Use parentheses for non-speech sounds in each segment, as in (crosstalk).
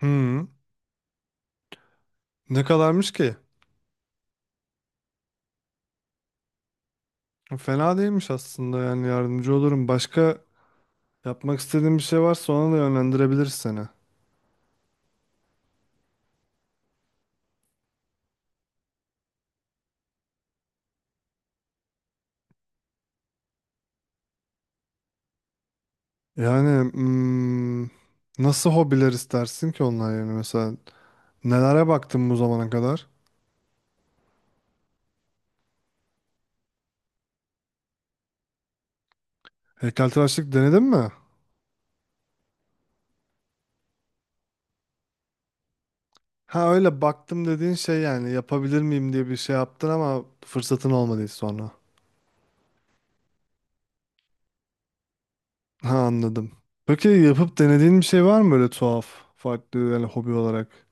Hmm, ne kadarmış ki? Fena değilmiş aslında yani yardımcı olurum. Başka yapmak istediğin bir şey varsa ona da yönlendirebiliriz seni. Yani nasıl hobiler istersin ki onlar yani mesela nelere baktın bu zamana kadar? Heykeltıraşlık denedin mi? Ha öyle baktım dediğin şey yani yapabilir miyim diye bir şey yaptın ama fırsatın olmadı hiç sonra. Ha anladım. Peki yapıp denediğin bir şey var mı böyle tuhaf, farklı yani hobi olarak?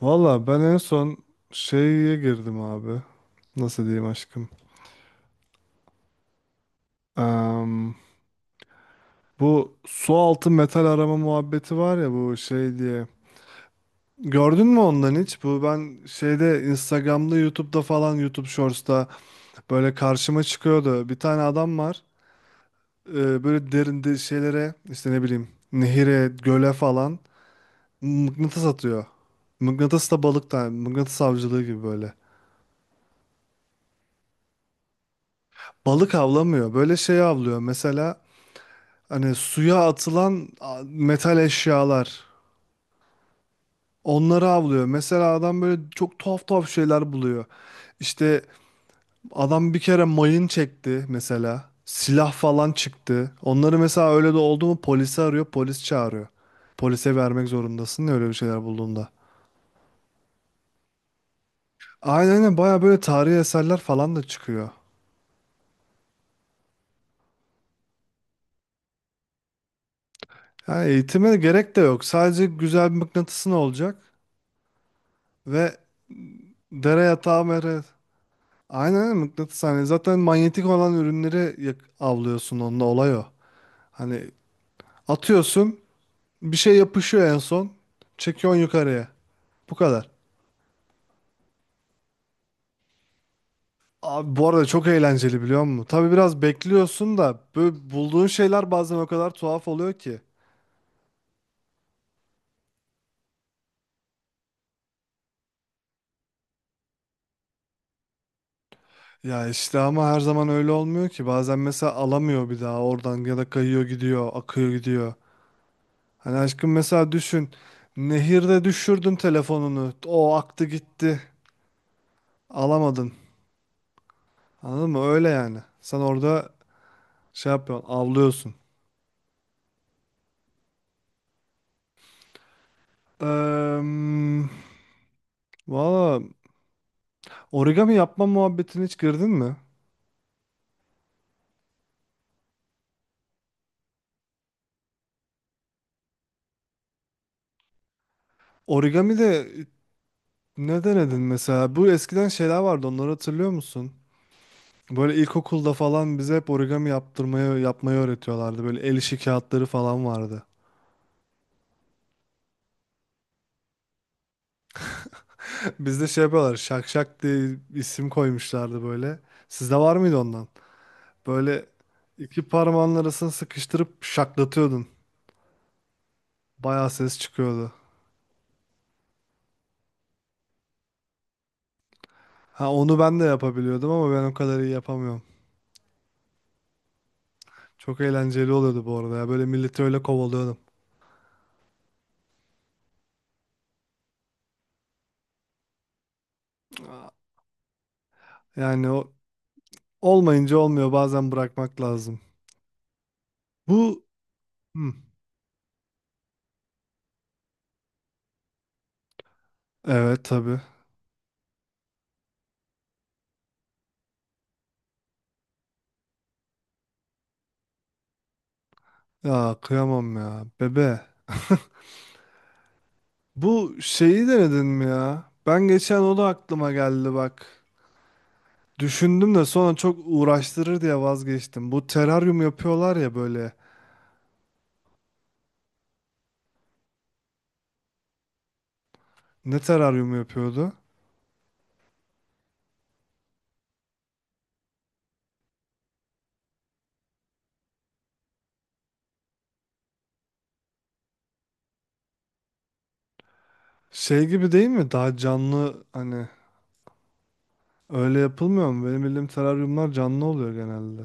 Valla ben en son şeye girdim abi. Nasıl diyeyim aşkım? Em, bu su altı metal arama muhabbeti var ya bu şey diye. Gördün mü ondan hiç? Bu ben şeyde Instagram'da, YouTube'da falan YouTube Shorts'ta böyle karşıma çıkıyordu. Bir tane adam var. Böyle derin şeylere işte ne bileyim nehire, göle falan mıknatıs atıyor. Mıknatıs da balık da mıknatıs avcılığı gibi böyle. Balık avlamıyor. Böyle şey avlıyor. Mesela hani suya atılan metal eşyalar. Onları avlıyor. Mesela adam böyle çok tuhaf tuhaf şeyler buluyor. İşte adam bir kere mayın çekti mesela. Silah falan çıktı. Onları mesela öyle de oldu mu polisi arıyor, polis çağırıyor. Polise vermek zorundasın ya öyle bir şeyler bulduğunda. Aynen aynen baya böyle tarihi eserler falan da çıkıyor. Yani eğitime gerek de yok. Sadece güzel bir mıknatısın olacak ve dere yatağı mere aynen öyle, mıknatıs hani zaten manyetik olan ürünleri avlıyorsun onunla olay o. Hani atıyorsun bir şey yapışıyor en son çekiyorsun yukarıya. Bu kadar. Abi bu arada çok eğlenceli biliyor musun? Tabii biraz bekliyorsun da böyle bulduğun şeyler bazen o kadar tuhaf oluyor ki. Ya işte ama her zaman öyle olmuyor ki. Bazen mesela alamıyor bir daha oradan ya da kayıyor gidiyor, akıyor gidiyor. Hani aşkım mesela düşün. Nehirde düşürdün telefonunu. O aktı gitti. Alamadın. Anladın mı? Öyle yani. Sen orada şey yapıyorsun, avlıyorsun. Eee valla origami yapma muhabbetine hiç girdin mi? Origami de ne denedin mesela? Bu eskiden şeyler vardı, onları hatırlıyor musun? Böyle ilkokulda falan bize hep origami yaptırmayı, yapmayı öğretiyorlardı. Böyle el işi kağıtları falan vardı. (laughs) Bizde şey yapıyorlar, şak şak diye isim koymuşlardı böyle. Sizde var mıydı ondan? Böyle iki parmağın arasını sıkıştırıp şaklatıyordun. Bayağı ses çıkıyordu. Ha onu ben de yapabiliyordum ama ben o kadar iyi yapamıyorum. Çok eğlenceli oluyordu bu arada ya. Böyle milleti öyle kovalıyordum. Yani o olmayınca olmuyor. Bazen bırakmak lazım. Bu hı, evet tabii. Ya kıyamam ya. Bebe. Bu şeyi denedin mi ya? Ben geçen o da aklıma geldi bak. Düşündüm de sonra çok uğraştırır diye vazgeçtim. Bu teraryum yapıyorlar ya böyle. Ne teraryum yapıyordu? Şey gibi değil mi? Daha canlı hani öyle yapılmıyor mu? Benim bildiğim teraryumlar canlı oluyor genelde.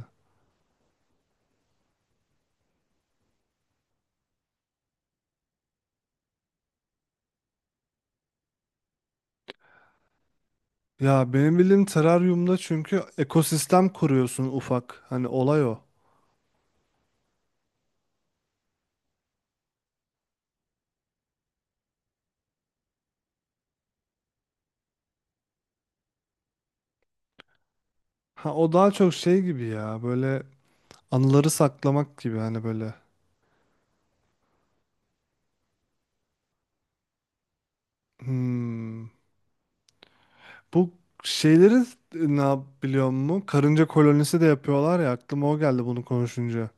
Ya benim bildiğim teraryumda çünkü ekosistem kuruyorsun ufak. Hani olay o. Ha o daha çok şey gibi ya böyle anıları saklamak gibi hani böyle. Hmm. Bu şeyleri biliyor musun? Karınca kolonisi de yapıyorlar ya aklıma o geldi bunu konuşunca.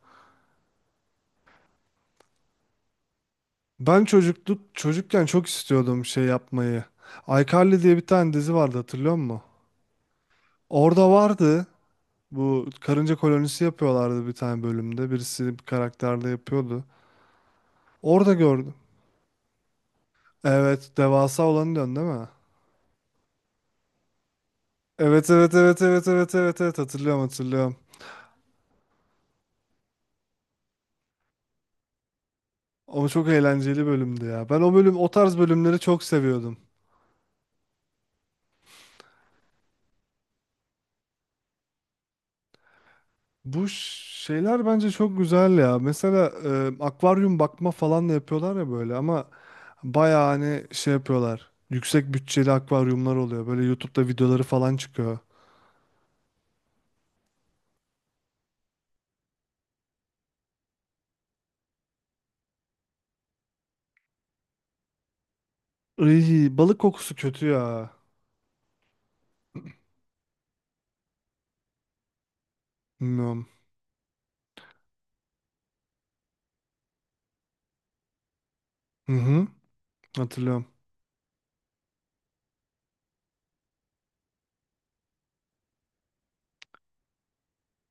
Ben çocukluk çocukken çok istiyordum şey yapmayı. iCarly diye bir tane dizi vardı hatırlıyor musun? Orada vardı. Bu karınca kolonisi yapıyorlardı bir tane bölümde. Birisi bir karakterde yapıyordu. Orada gördüm. Evet, devasa olanı diyorsun değil mi? Evet, evet, evet, evet, evet, evet, evet hatırlıyorum, hatırlıyorum. Ama çok eğlenceli bölümdü ya. Ben o bölüm, o tarz bölümleri çok seviyordum. Bu şeyler bence çok güzel ya. Mesela akvaryum bakma falan da yapıyorlar ya böyle ama bayağı hani şey yapıyorlar. Yüksek bütçeli akvaryumlar oluyor. Böyle YouTube'da videoları falan çıkıyor. Iy, balık kokusu kötü ya. Bilmiyorum. Hı hı, hatırlıyorum.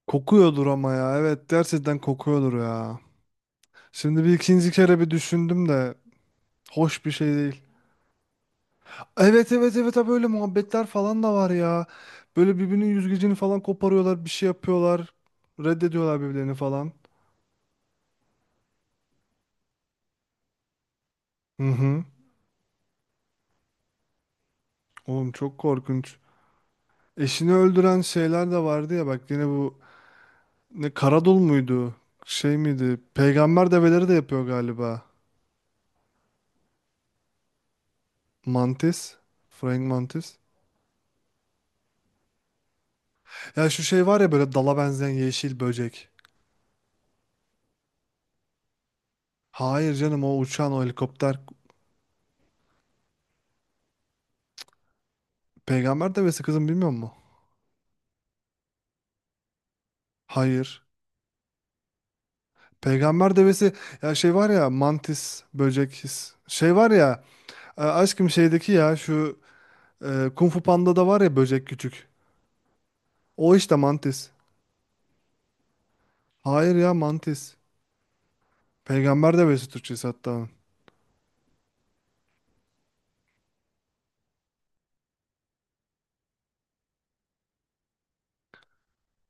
Kokuyordur ama ya. Evet gerçekten kokuyordur ya. Şimdi bir ikinci kere bir düşündüm de hoş bir şey değil. Evet evet evet ha böyle muhabbetler falan da var ya. Böyle birbirinin yüzgecini falan koparıyorlar, bir şey yapıyorlar. Reddediyorlar birbirlerini falan. Hı hı. Oğlum çok korkunç. Eşini öldüren şeyler de vardı ya bak yine bu ne, Karadul muydu? Şey miydi? Peygamber develeri de yapıyor galiba. Mantis. Frank Mantis. Ya şu şey var ya böyle dala benzeyen yeşil böcek. Hayır canım o uçan o helikopter. Peygamber devesi kızım bilmiyor musun? Hayır. Peygamber devesi ya şey var ya mantis böcek his. Şey var ya aşkım şeydeki ya şu Kung Fu Panda'da var ya böcek küçük. O işte mantis. Hayır ya mantis. Peygamber devesi Türkçesi hatta onun.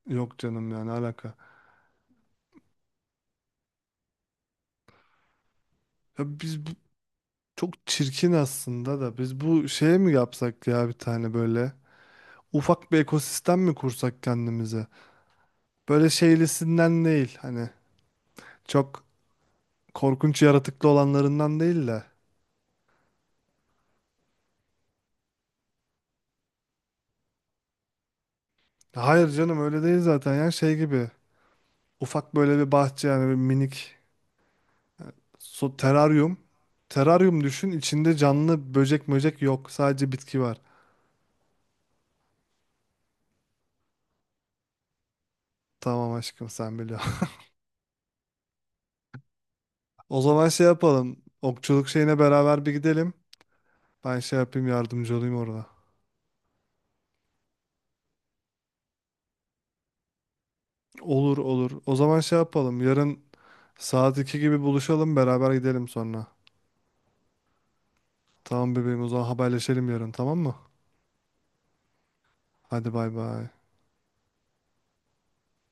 Yok canım yani alaka. Ya biz bu, çok çirkin aslında da biz bu şeye mi yapsak ya bir tane böyle? Ufak bir ekosistem mi kursak kendimize? Böyle şeylisinden değil hani çok korkunç yaratıklı olanlarından değil de. Hayır canım öyle değil zaten ya şey gibi. Ufak böyle bir bahçe yani bir minik su, teraryum. Teraryum düşün içinde canlı böcek möcek yok sadece bitki var. Tamam aşkım sen biliyorsun. (laughs) O zaman şey yapalım. Okçuluk şeyine beraber bir gidelim. Ben şey yapayım yardımcı olayım orada. Olur olur. O zaman şey yapalım. Yarın saat 2 gibi buluşalım beraber gidelim sonra. Tamam bebeğim o zaman haberleşelim yarın tamam mı? Hadi bay bay.